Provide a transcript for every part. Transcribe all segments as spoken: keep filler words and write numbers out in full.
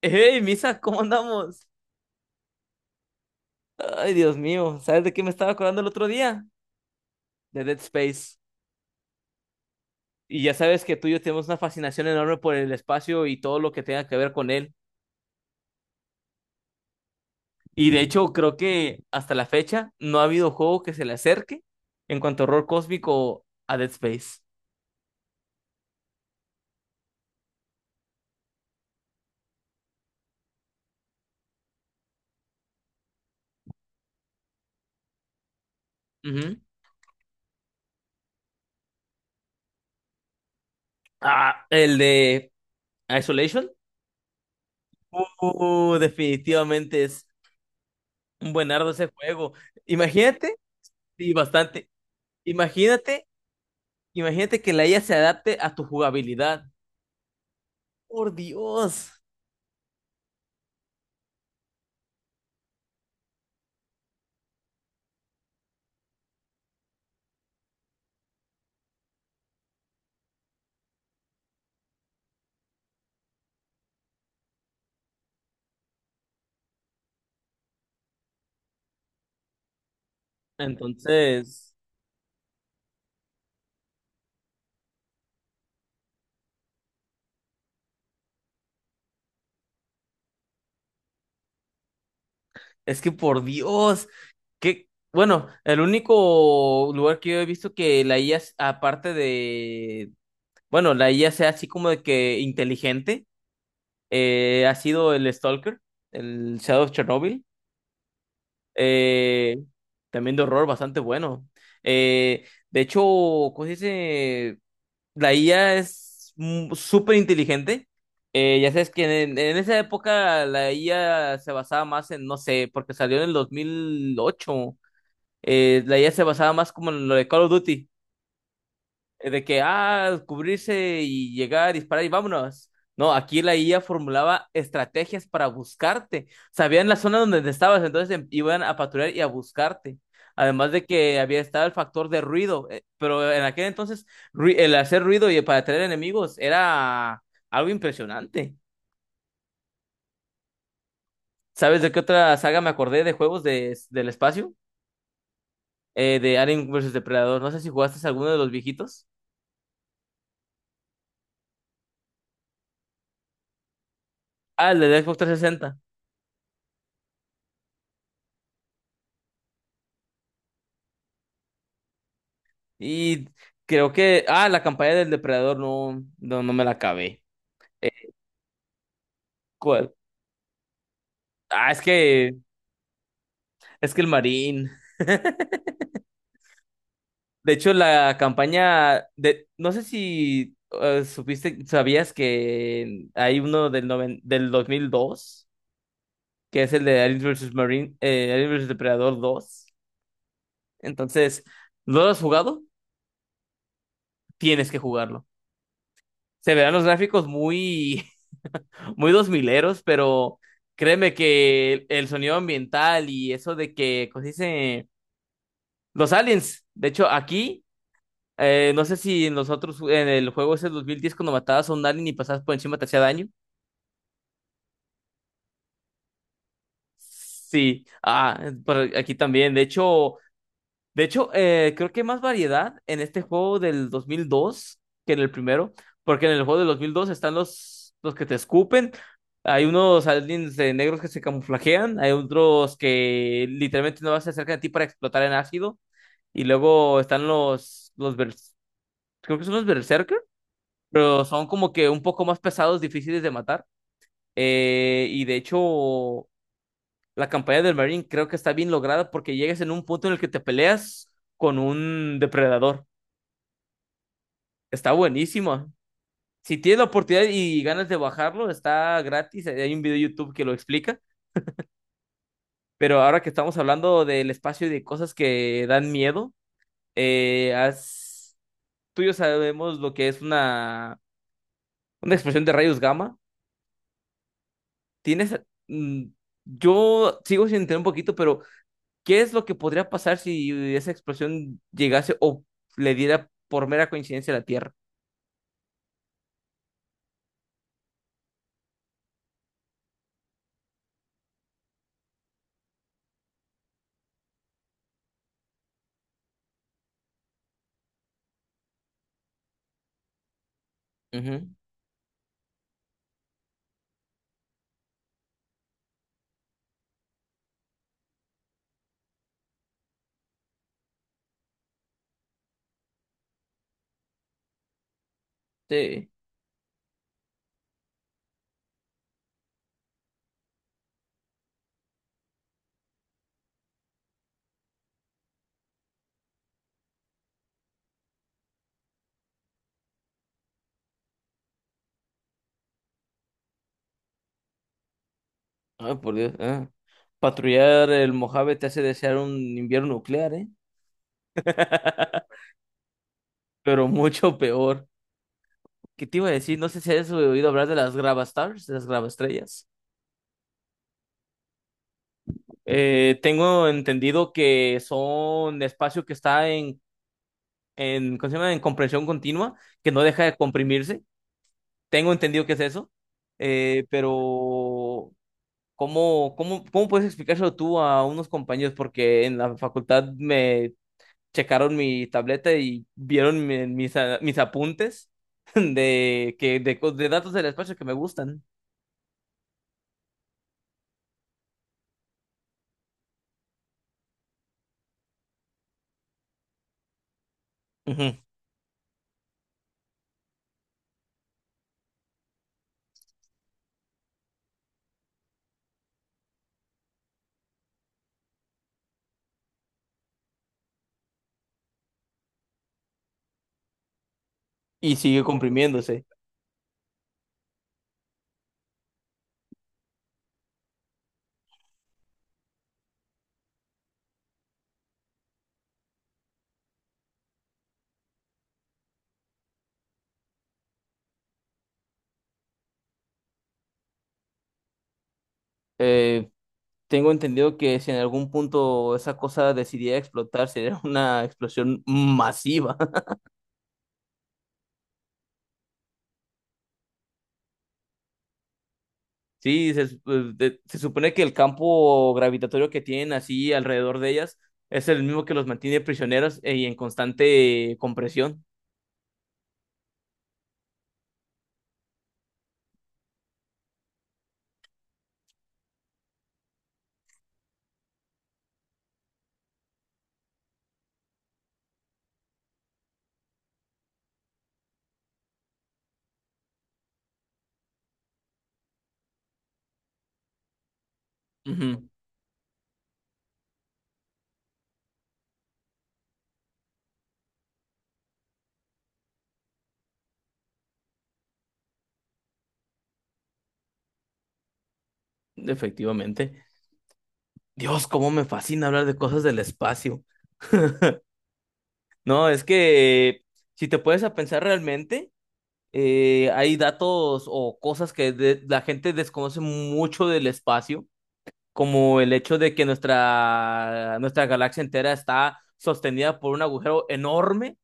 Hey, Misa, ¿cómo andamos? Ay, Dios mío, ¿sabes de qué me estaba acordando el otro día? De Dead Space. Y ya sabes que tú y yo tenemos una fascinación enorme por el espacio y todo lo que tenga que ver con él. Y de hecho, creo que hasta la fecha no ha habido juego que se le acerque en cuanto a horror cósmico a Dead Space. Ujú. Ah, el de Isolation. Uh, definitivamente es un buen ardo ese juego. Imagínate, y bastante. Imagínate Imagínate que la I A se adapte a tu jugabilidad. Por Dios. Entonces, es que por Dios, que, bueno, el único lugar que yo he visto que la I A, es- aparte de, bueno, la I A sea así como de que inteligente, eh, ha sido el Stalker, el Shadow of Chernobyl, eh, también de horror bastante bueno. Eh, de hecho, ¿cómo se dice? La I A es mm, súper inteligente. Eh, ya sabes que en, en esa época la I A se basaba más en, no sé, porque salió en el dos mil ocho. Eh, la I A se basaba más como en lo de Call of Duty eh, de que, ah, cubrirse y llegar, disparar y vámonos. No, aquí la I A formulaba estrategias para buscarte. Sabían la zona donde te estabas, entonces em- iban a patrullar y a buscarte. Además de que había estado el factor de ruido, eh, pero en aquel entonces ru- el hacer ruido y para atraer enemigos era algo impresionante. ¿Sabes de qué otra saga me acordé de juegos de, del espacio? Eh, de Alien versus Depredador. No sé si jugaste alguno de los viejitos. Ah, el de Xbox trescientos sesenta. Y creo que, ah, la campaña del depredador no, no, no me la acabé. Eh, ¿Cuál? Ah, es que, es que el marín. De hecho, la campaña de, no sé si eh, supiste, sabías que hay uno del, noven- del dos mil dos que es el de Alien versus Marine, eh, Alien versus. Depredador dos. Entonces, ¿no lo has jugado? Tienes que jugarlo. Se verán los gráficos muy, muy dos mileros, pero créeme que el, el sonido ambiental y eso de que, ¿cómo se dice? Los aliens. De hecho, aquí, eh, no sé si en los otros, en el juego ese del dos mil diez cuando matabas a un alien y pasabas por encima te hacía daño. Sí, ah, por aquí también. De hecho, de hecho, eh, creo que hay más variedad en este juego del dos mil dos que en el primero, porque en el juego del dos mil dos están los, los que te escupen, hay unos aliens eh, negros que se camuflajean, hay otros que literalmente no vas a acercar a ti para explotar en ácido, y luego están los, los bers- creo que son los berserker, pero son como que un poco más pesados, difíciles de matar, eh, y de hecho la campaña del Marine creo que está bien lograda porque llegas en un punto en el que te peleas con un depredador. Está buenísimo. Si tienes la oportunidad y ganas de bajarlo, está gratis. Hay un video de YouTube que lo explica. Pero ahora que estamos hablando del espacio y de cosas que dan miedo, eh, has- tú y yo sabemos lo que es una, una explosión de rayos gamma. Tienes, mm, yo sigo sin entender un poquito, pero ¿qué es lo que podría pasar si esa explosión llegase o le diera por mera coincidencia a la Tierra? Ujú. Sí. Ay, por Dios. Ah. Patrullar el Mojave te hace desear un invierno nuclear, ¿eh? Pero mucho peor. ¿Qué te iba a decir? No sé si has oído hablar de las gravastars, de las gravaestrellas. Eh, tengo entendido que son espacio que está en en, ¿cómo se llama? En compresión continua, que no deja de comprimirse. Tengo entendido que es eso, eh, pero ¿cómo, cómo, cómo puedes explicárselo tú a unos compañeros? Porque en la facultad me checaron mi tableta y vieron mi- mis, a- mis apuntes de, que, de, co- de datos del espacio que me gustan. Ujú. Y sigue comprimiéndose. Eh, Tengo entendido que si en algún punto esa cosa decidiera explotar, sería una explosión masiva. Sí, se, su- eh, de- se supone que el campo gravitatorio que tienen así alrededor de ellas es el mismo que los mantiene prisioneros, eh, y en constante compresión. Ujú. Efectivamente. Dios, cómo me fascina hablar de cosas del espacio. No, es que si te puedes a pensar realmente, eh, hay datos o cosas que de- la gente desconoce mucho del espacio, como el hecho de que nuestra, nuestra galaxia entera está sostenida por un agujero enorme.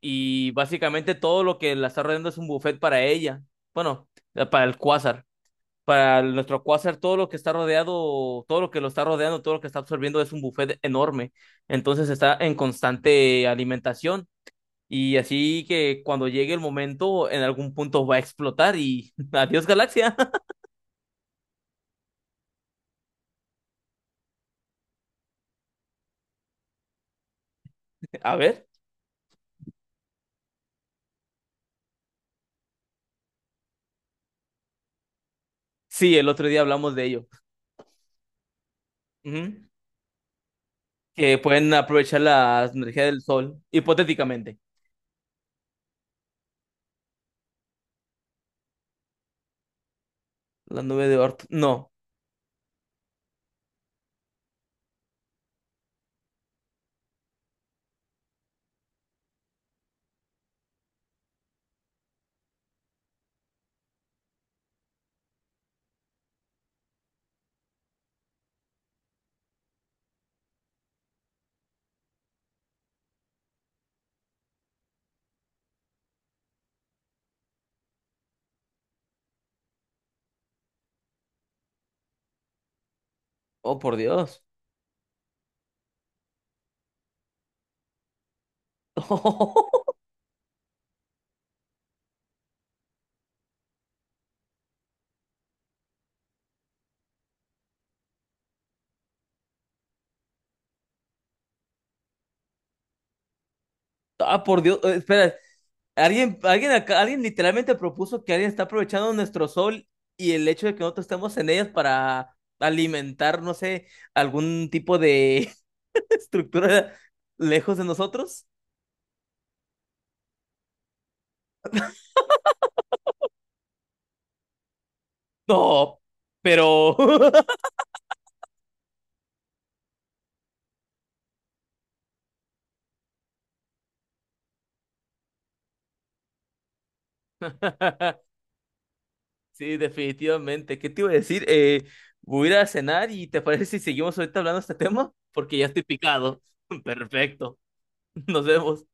Y básicamente todo lo que la está rodeando es un buffet para ella. Bueno, eh, para el cuásar. Para nuestro cuásar, todo lo que está rodeado, todo lo que lo está rodeando, todo lo que está absorbiendo es un buffet enorme. Entonces está en constante alimentación. Y así que cuando llegue el momento, en algún punto va a explotar y adiós galaxia. A ver. Sí, el otro día hablamos de ello. Ujú. Que pueden aprovechar la energía del sol, hipotéticamente. La nube de Oort. No. Oh, por Dios. Ah, por Dios, eh, espera, alguien, alguien acá- alguien literalmente propuso que alguien está aprovechando nuestro sol y el hecho de que nosotros estemos en ellas para alimentar, no sé, algún tipo de estructura lejos de nosotros. No, pero sí, definitivamente. ¿Qué te iba a decir? Eh, voy a ir a cenar y ¿te parece si seguimos ahorita hablando de este tema? Porque ya estoy picado. Perfecto. Nos vemos.